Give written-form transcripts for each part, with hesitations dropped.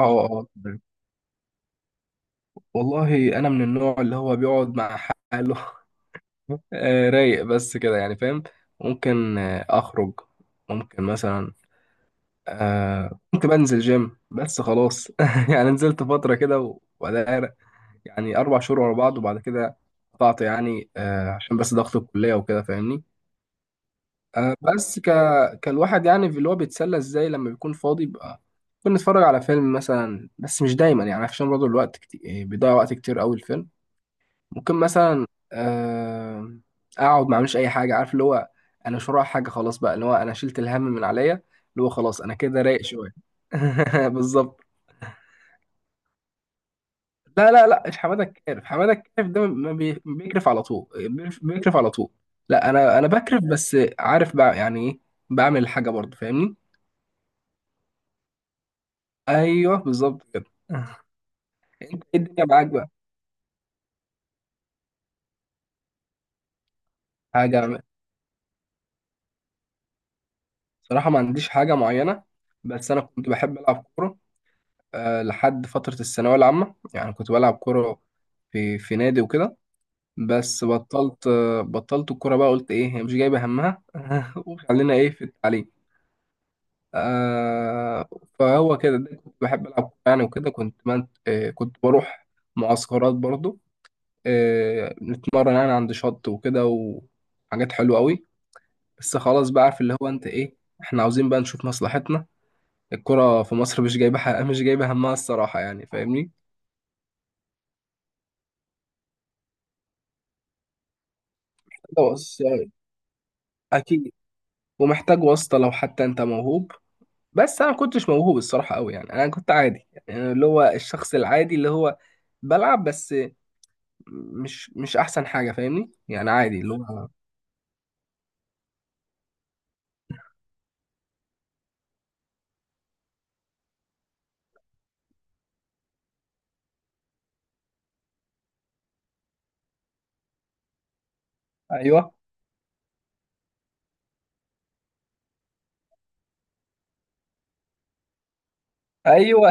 اه تمام. والله انا من النوع اللي هو بيقعد مع حاله. رايق بس كده يعني فاهم. ممكن اخرج، ممكن مثلا ممكن انزل جيم بس خلاص. يعني نزلت فتره كده وبعدها يعني 4 شهور ورا بعض وبعد كده قطعت، يعني عشان بس ضغط الكليه وكده، فاهمني. آه، بس ك كالواحد يعني، في اللي هو بيتسلى ازاي لما بيكون فاضي بقى. ممكن نتفرج على فيلم مثلا، بس مش دايما يعني، عشان برضه الوقت كتير، بيضيع وقت كتير قوي الفيلم. ممكن مثلا آه، اقعد ما اعملش اي حاجه، عارف اللي هو انا مش ورايا حاجه خلاص بقى، اللي هو انا شلت الهم من عليا، اللي هو خلاص انا كده رايق شويه. بالظبط. لا، مش حماده كارف، حماده كارف ده ما بي- بيكرف على طول، بيكرف على طول. لا انا بكرف بس عارف بقى يعني ايه، بعمل حاجه برضه فاهمني. ايوه بالظبط كده. انت ايه الدنيا معاك بقى؟ حاجه؟ صراحه ما عنديش حاجه معينه، بس انا كنت بحب العب كوره لحد فترة الثانوية العامة. يعني كنت بلعب كورة في نادي وكده، بس بطلت، بطلت الكورة بقى. قلت ايه هي مش جايبة همها، وخلينا ايه في التعليم. آه، فهو كده ده، كنت بحب ألعب كورة يعني وكده، كنت من آه، كنت بروح معسكرات برضو، آه، نتمرن يعني عند شط وكده، وحاجات حلوة قوي، بس خلاص بقى عارف اللي هو انت ايه، احنا عاوزين بقى نشوف مصلحتنا. الكرة في مصر مش جايبة مش جايبة همها الصراحة يعني، فاهمني. خلاص، اكيد، ومحتاج واسطه لو حتى انت موهوب، بس انا ما كنتش موهوب الصراحه قوي، يعني انا كنت عادي يعني، أنا اللي هو الشخص العادي اللي هو بلعب بس، مش احسن حاجه فاهمني، يعني عادي اللي هو. ايوه ايوه.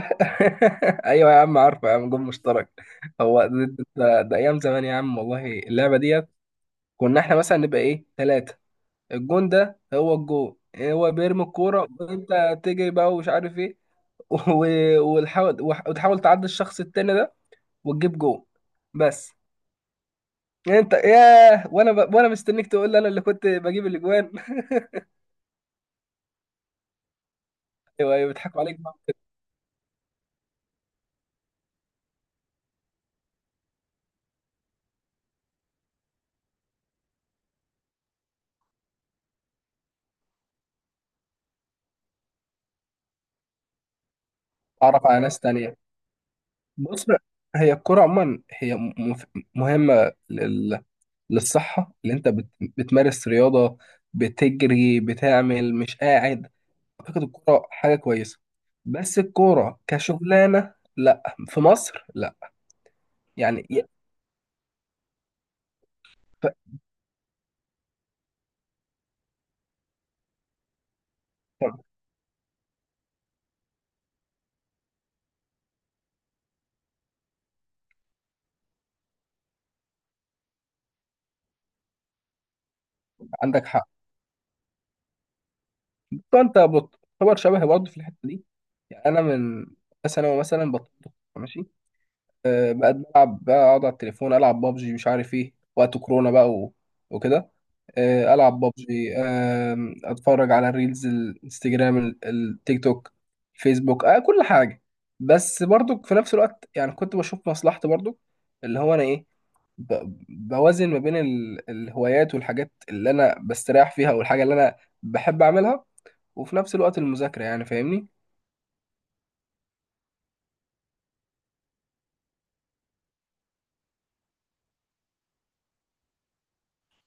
ايوه يا عم، عارفه يا عم، جون مشترك، هو ده ايام زمان يا عم، والله اللعبه ديت كنا احنا مثلا نبقى ايه، 3، الجون ده، هو الجون، هو بيرمي الكوره، وانت تجري بقى، ومش عارف ايه، وتحاول وتحاول تعدي الشخص التاني ده وتجيب جون بس. يعني انت ياه، وانا مستنيك تقول لي انا اللي كنت بجيب الاجوان. ايوه ايوه بيضحكوا عليك بقى، تعرف على ناس تانية. بص، هي الكرة عموما هي مهمة للصحة، اللي انت بتمارس رياضة، بتجري، بتعمل، مش قاعد. اعتقد الكرة حاجة كويسة، بس الكرة كشغلانة لا، في مصر لا. يعني ي- ف... عندك حق. فانت بتعتبر شبهي برضه في الحته دي، يعني انا من ثانوي مثلا بطلت، ماشي، أه بقيت بلعب بقى، اقعد على التليفون، العب بابجي، مش عارف ايه، وقت كورونا بقى وكده، أه العب بابجي، أه اتفرج على الريلز، الانستجرام، التيك توك، الفيسبوك، أه كل حاجه. بس برضو في نفس الوقت يعني كنت بشوف مصلحتي برضو، اللي هو انا ايه، بوازن ما بين الهوايات والحاجات اللي انا بستريح فيها، والحاجه اللي انا بحب اعملها، وفي نفس الوقت المذاكرة، يعني فاهمني.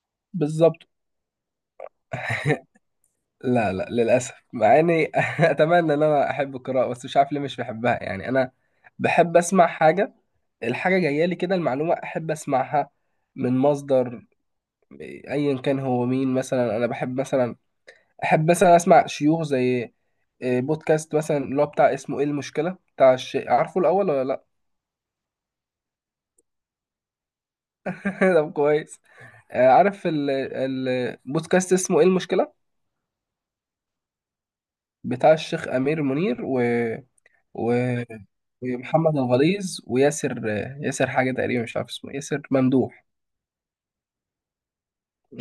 بالظبط. لا لا للأسف، مع إني أتمنى إن أنا أحب القراءة، بس مش عارف ليه مش بحبها، يعني أنا بحب أسمع حاجة، الحاجة جاية لي كده، المعلومة أحب أسمعها من مصدر، أيا كان هو مين. مثلا أنا بحب مثلا أحب مثلا أسمع شيوخ، زي بودكاست مثلا اللي هو بتاع اسمه إيه المشكلة، بتاع الشيء، عارفه الأول ولا لأ؟ طب كويس. عارف البودكاست اسمه إيه المشكلة؟ بتاع الشيخ امير منير و... ومحمد الغليظ وياسر، ياسر حاجه تقريبا مش عارف اسمه إيه، ياسر ممدوح.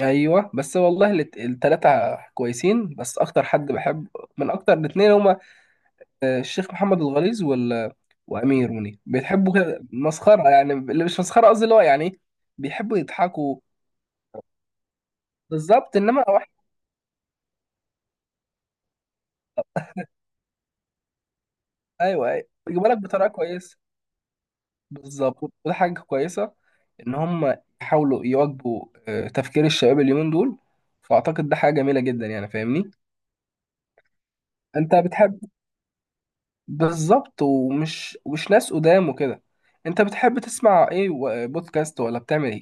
ايوه بس والله التلاتة كويسين، بس اكتر حد بحب من اكتر، الاتنين هما الشيخ محمد الغليظ وامير منير، بيحبوا كده مسخره يعني، اللي مش مسخره قصدي اللي هو يعني إيه، بيحبوا يضحكوا. بالظبط، انما واحد. ايوه ايوه بيجيبوا لك بطريقه كويسه. بالظبط، وده حاجة كويسة، إن هم يحاولوا يواكبوا تفكير الشباب اليومين دول، فأعتقد ده حاجة جميلة جدا يعني فاهمني. أنت بتحب؟ بالظبط، ومش ناس قدام وكده. أنت بتحب تسمع إيه، بودكاست ولا بتعمل إيه؟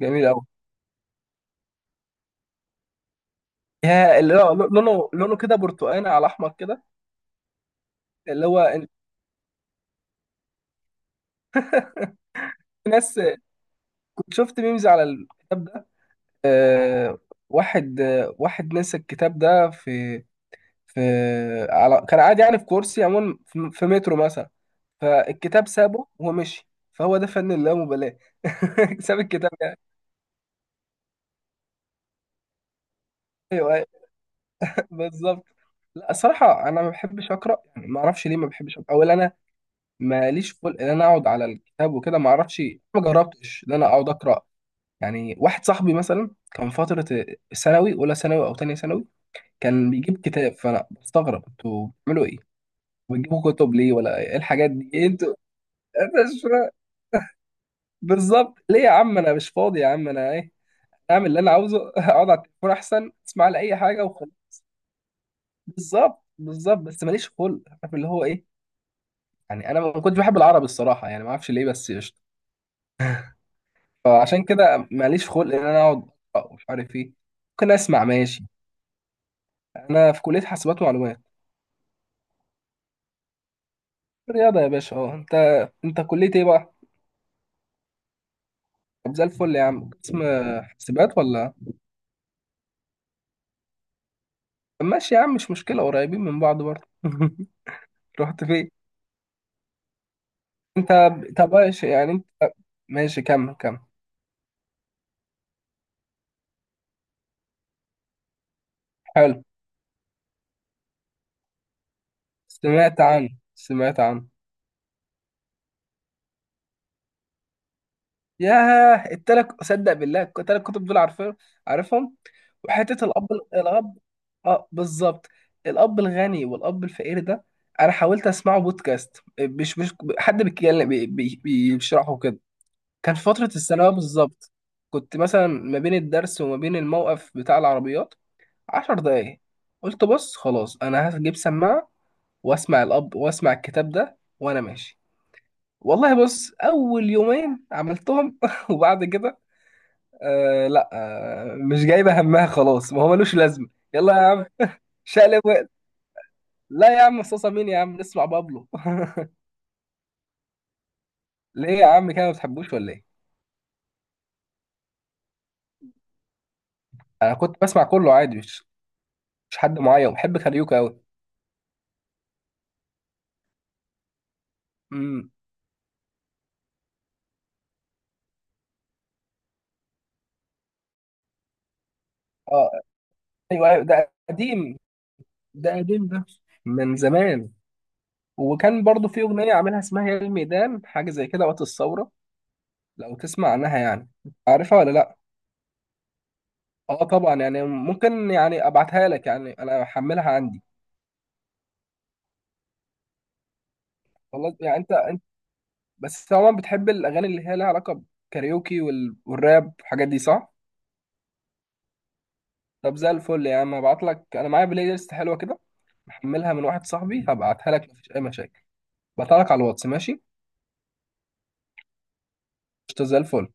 جميل أوي. يا اللي هو لونه، كده برتقاني على أحمر كده. اللي هو إن- في ناس، كنت شفت ميمز على الكتاب ده، آه، واحد، واحد نسى الكتاب ده، في في على كان قاعد يعني في كرسي عموما، في مترو مثلا، فالكتاب سابه ومشي، فهو ده فن اللامبالاة. ساب الكتاب يعني. ايوه أيوة، بالظبط. لا الصراحة أنا ما بحبش أقرأ يعني، ما أعرفش ليه ما بحبش أقرأ، أو إن أنا ماليش خلق إن أنا أقعد على الكتاب وكده، ما أعرفش، ما جربتش إن أنا أقعد أقرأ. يعني واحد صاحبي مثلا، كان فترة ثانوي، أولى ثانوي أو تانية ثانوي، كان بيجيب كتاب، فأنا بستغرب، أنتوا بتعملوا إيه؟ بتجيبوا كتب ليه ولا إيه، إيه الحاجات دي؟ إيه أنتوا أنا مش فاهم. بالظبط، ليه يا عم، انا مش فاضي يا عم، انا ايه، اعمل اللي انا عاوزه، اقعد على التليفون احسن، اسمع لي اي حاجه وخلاص. بالظبط، بالظبط، بس ماليش خلق، عارف اللي هو ايه، يعني انا ما كنتش بحب العربي الصراحه يعني، ما اعرفش ليه، بس قشطه، فعشان كده ماليش خلق ان انا اقعد أقرأ ومش عارف ايه. ممكن اسمع ماشي. انا في كليه حاسبات ومعلومات. رياضه يا باشا، اه. انت انت كليه ايه بقى؟ طب زي الفل يا عم. قسم حاسبات ولا؟ طب ماشي يا عم، مش مشكله، قريبين من بعض برضه. رحت فين انت؟ طب ماشي يعني انت. ماشي، كمل كمل. حلو، سمعت عنه، سمعت عنه. ياه التلات، صدق بالله التلات كتب دول عارفين، عارفهم. وحتة الأب، الأب، اه بالظبط، الأب الغني والأب الفقير ده أنا حاولت أسمعه بودكاست، مش مش حد بيتكلم بيشرحه كده. كان في فترة الثانوية بالظبط، كنت مثلا ما بين الدرس وما بين الموقف بتاع العربيات 10 دقايق، قلت بص خلاص أنا هجيب سماعة واسمع الاب، واسمع الكتاب ده وانا ماشي. والله بص اول يومين عملتهم وبعد كده آه لا، آه مش جايبه همها، خلاص ما هو ملوش لازمه. يلا يا عم، شقلب وقت. لا يا عم، صوصه مين يا عم، نسمع بابلو. ليه يا عم كده، ما بتحبوش ولا ايه؟ انا كنت بسمع كله عادي، مش مش حد معين، بحب كاريوكا قوي. امم، اه، ايوه ايوه ده قديم، ده قديم من زمان. وكان برضو في اغنيه عاملها اسمها يا الميدان، حاجه زي كده، وقت الثوره، لو تسمع عنها يعني، عارفها ولا لا؟ اه طبعا يعني، ممكن يعني ابعتها لك، يعني انا احملها عندي. خلاص، يعني انت بس طبعا بتحب الاغاني اللي هي لها علاقه بالكاريوكي والراب والحاجات دي صح؟ طب زي الفل يا عم، هبعت لك، انا معايا بلاي ليست حلوه كده، محملها من واحد صاحبي، هبعتها لك مفيش اي مشاكل. بعتها لك على الواتس ماشي؟ قشطة، زي الفل.